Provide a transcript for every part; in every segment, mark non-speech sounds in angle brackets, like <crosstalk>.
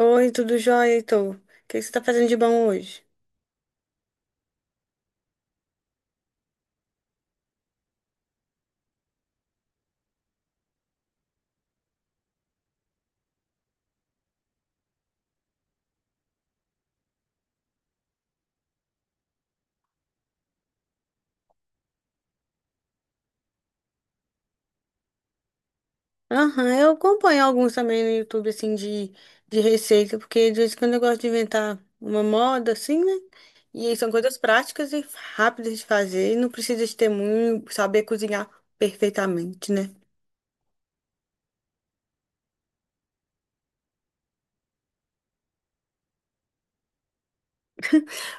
Oi, tudo jóia, Heitor? O que que você tá fazendo de bom hoje? Aham, eu acompanho alguns também no YouTube, assim, de receita, porque de vez em quando eu gosto de inventar uma moda, assim, né? E aí são coisas práticas e rápidas de fazer, e não precisa de ter muito, saber cozinhar perfeitamente, né?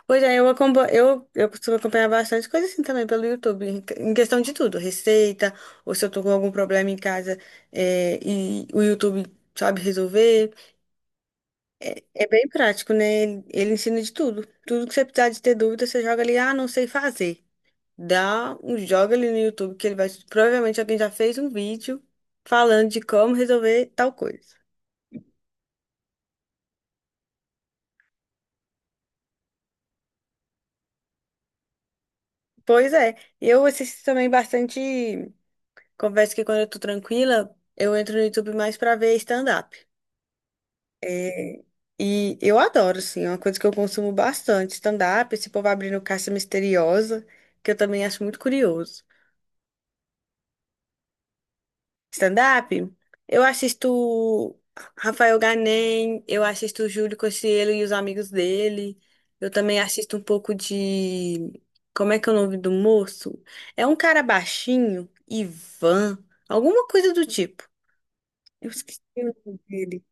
Pois é, eu costumo acompanhar bastante coisa assim também pelo YouTube, em questão de tudo, receita, ou se eu tô com algum problema em casa, é, e o YouTube sabe resolver. É bem prático, né? Ele ensina de tudo. Tudo que você precisar de ter dúvida, você joga ali, ah, não sei fazer. Dá um joga ali no YouTube que ele vai. Provavelmente alguém já fez um vídeo falando de como resolver tal coisa. Pois é, eu assisto também bastante. Confesso que quando eu tô tranquila, eu entro no YouTube mais pra ver stand-up. É, e eu adoro, assim, é uma coisa que eu consumo bastante, stand-up, esse povo abrindo caça misteriosa, que eu também acho muito curioso. Stand-up? Eu assisto Rafael Ganem, eu assisto Júlio Cocielo e os amigos dele. Eu também assisto um pouco de. Como é que é o nome do moço? É um cara baixinho, Ivan, alguma coisa do tipo. Eu esqueci o nome dele.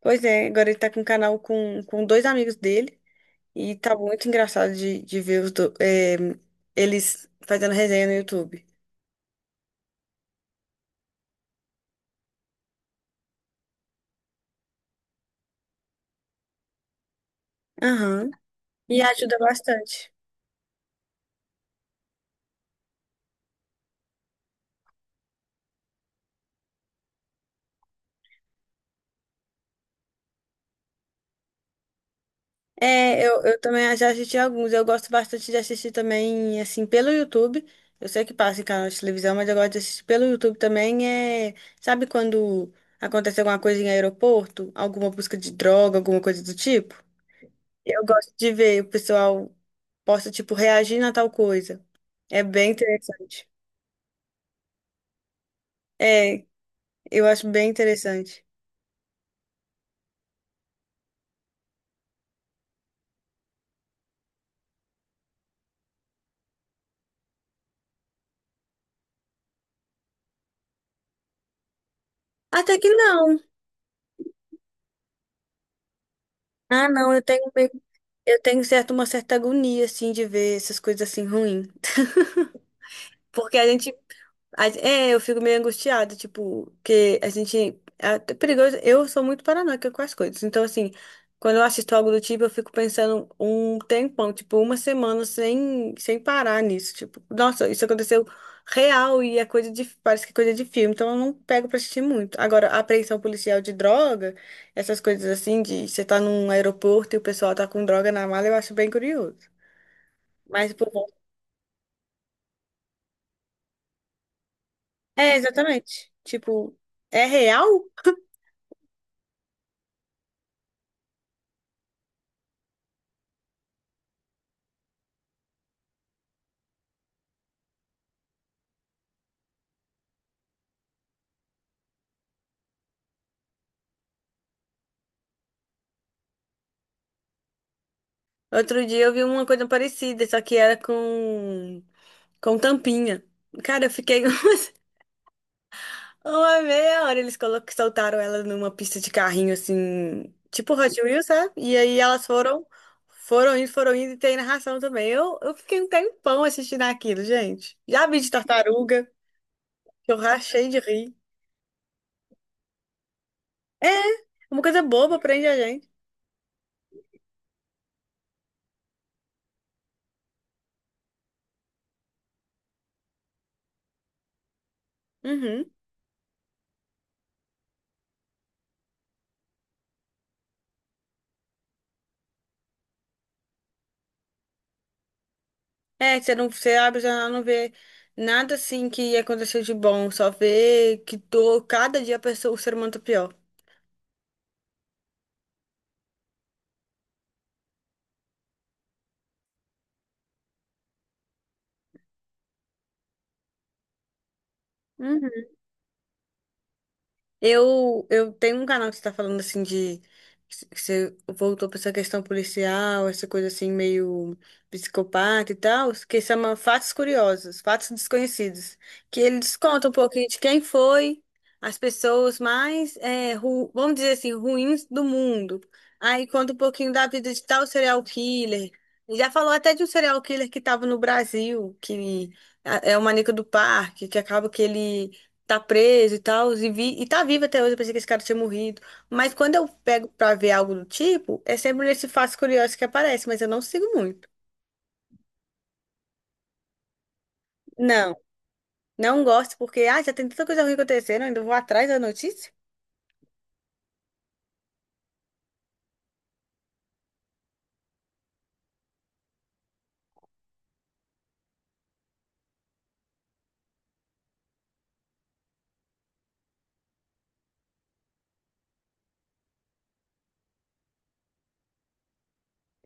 Pois é, agora ele tá com um canal com, dois amigos dele. E tá muito engraçado de ver eles fazendo resenha no YouTube. Aham. E ajuda bastante. É, eu também já assisti alguns. Eu gosto bastante de assistir também, assim, pelo YouTube. Eu sei que passa em canal de televisão, mas eu gosto de assistir pelo YouTube também. É, sabe quando acontece alguma coisa em aeroporto? Alguma busca de droga, alguma coisa do tipo? Eu gosto de ver o pessoal posta, tipo, reagindo a tal coisa. É bem interessante. É, eu acho bem interessante. Até que não. Ah, não, eu tenho uma certa agonia, assim, de ver essas coisas assim ruins. Porque a gente. É, eu fico meio angustiada, tipo, que a gente. É até perigoso. Eu sou muito paranoica com as coisas. Então, assim, quando eu assisto algo do tipo, eu fico pensando um tempão, tipo, uma semana sem, parar nisso. Tipo, nossa, isso aconteceu real e é coisa de. Parece que é coisa de filme. Então, eu não pego pra assistir muito. Agora, a apreensão policial de droga, essas coisas assim, de você tá num aeroporto e o pessoal tá com droga na mala, eu acho bem curioso. Mas, por. É, exatamente. Tipo, é real? Outro dia eu vi uma coisa parecida, só que era com tampinha. Cara, eu fiquei <laughs> uma meia hora. Eles soltaram ela numa pista de carrinho, assim, tipo Hot Wheels, sabe? E aí elas foram indo, e tem narração também. Eu fiquei um tempão assistindo aquilo, gente. Já vi de tartaruga, que eu rachei de rir. É, uma coisa boba, prende a gente. Uhum. É, você não, você abre a janela não vê nada assim que aconteceu de bom, só vê que tô, cada dia a pessoa, o ser humano tá pior. Eu tenho um canal que você tá falando assim de que você voltou pra essa questão policial, essa coisa assim meio psicopata e tal, que chama Fatos Curiosos, Fatos Desconhecidos, que ele desconta um pouquinho de quem foi as pessoas mais, vamos dizer assim, ruins do mundo. Aí conta um pouquinho da vida de tal serial killer. Já falou até de um serial killer que estava no Brasil, que ah, é o Maníaco do Parque, que acaba que ele tá preso e tal, e tá vivo até hoje, eu pensei que esse cara tinha morrido. Mas quando eu pego pra ver algo do tipo, é sempre nesse fato curioso que aparece, mas eu não sigo muito. Não, não gosto, porque, ah, já tem tanta coisa ruim acontecendo, ainda vou atrás da notícia?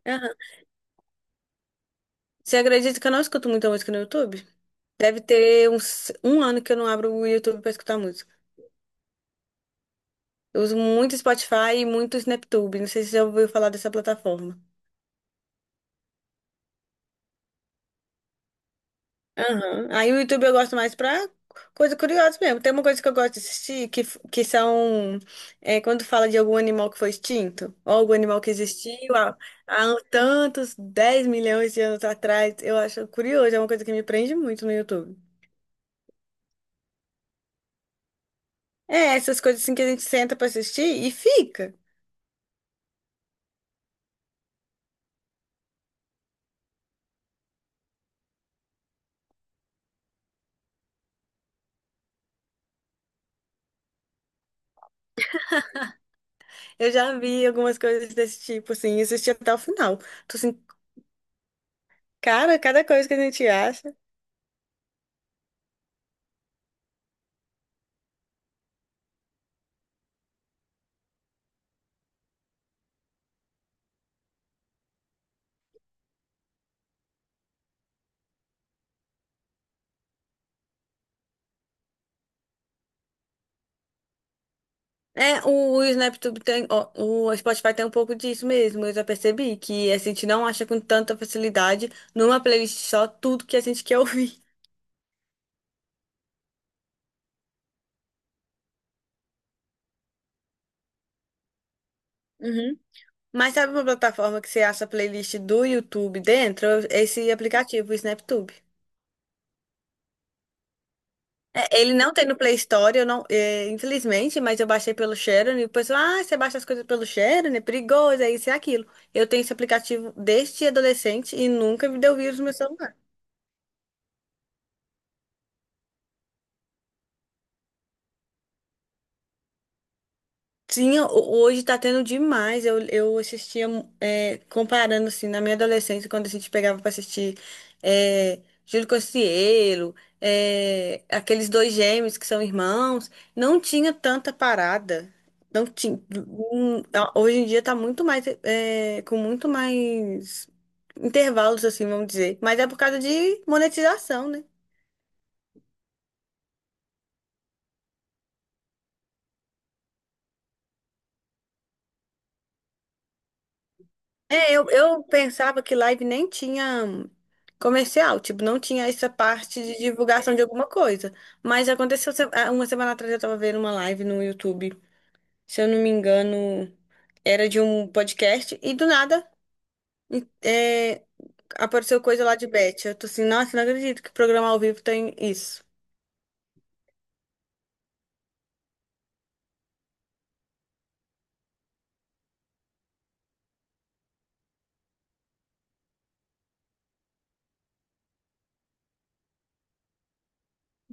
Aham. Você acredita que eu não escuto muita música no YouTube? Deve ter uns um ano que eu não abro o YouTube pra escutar música. Eu uso muito Spotify e muito SnapTube, não sei se você já ouviu falar dessa plataforma. Aham. Aí o YouTube eu gosto mais pra coisa curiosa mesmo. Tem uma coisa que eu gosto de assistir que, f- que são é, quando fala de algum animal que foi extinto, ou algum animal que existiu há um tantos 10 milhões de anos atrás. Eu acho curioso, é uma coisa que me prende muito no YouTube. É, essas coisas assim que a gente senta pra assistir e fica. Eu já vi algumas coisas desse tipo, assim, e assisti até o final. Tô assim, cara, cada coisa que a gente acha. É, o SnapTube tem, ó, o Spotify tem um pouco disso mesmo, eu já percebi, que a gente não acha com tanta facilidade numa playlist só tudo que a gente quer ouvir. Uhum. Mas sabe uma plataforma que você acha a playlist do YouTube dentro? Esse aplicativo, o SnapTube. É, ele não tem no Play Store, eu não, é, infelizmente, mas eu baixei pelo Sharon e o pessoal, ah, você baixa as coisas pelo Sharon, é perigoso, é isso e aquilo. Eu tenho esse aplicativo desde adolescente e nunca me deu vírus no meu celular. Tinha, hoje tá tendo demais. Eu assistia, é, comparando assim, na minha adolescência, quando a gente pegava pra assistir é, Júlio Cocielo, aqueles dois gêmeos que são irmãos, não tinha tanta parada. Não tinha. Hoje em dia tá muito mais, com muito mais intervalos, assim, vamos dizer. Mas é por causa de monetização, né? É, eu pensava que live nem tinha comercial, tipo, não tinha essa parte de divulgação de alguma coisa. Mas aconteceu, uma semana atrás eu tava vendo uma live no YouTube, se eu não me engano, era de um podcast, e do nada e- é, apareceu coisa lá de Beth. Eu tô assim, nossa, não acredito que programa ao vivo tem isso.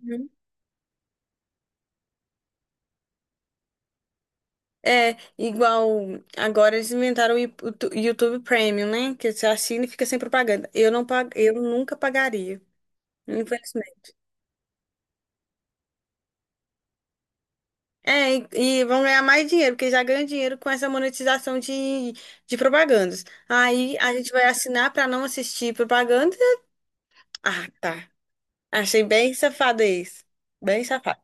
Uhum. É, igual agora eles inventaram o YouTube Premium, né? Que você assina e fica sem propaganda. Eu nunca pagaria. É, e vão ganhar mais dinheiro, porque já ganham dinheiro com essa monetização de, propagandas. Aí a gente vai assinar para não assistir propaganda. Ah, tá. Achei bem safado isso. Bem safado.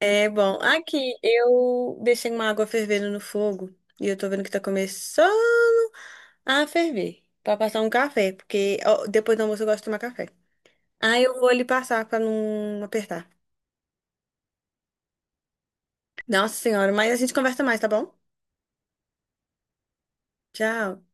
É bom. Aqui eu deixei uma água fervendo no fogo e eu tô vendo que tá começando a ferver pra passar um café, porque ó, depois do almoço eu gosto de tomar café. Aí eu vou ali passar pra não apertar. Nossa senhora, mas a gente conversa mais, tá bom? Tchau.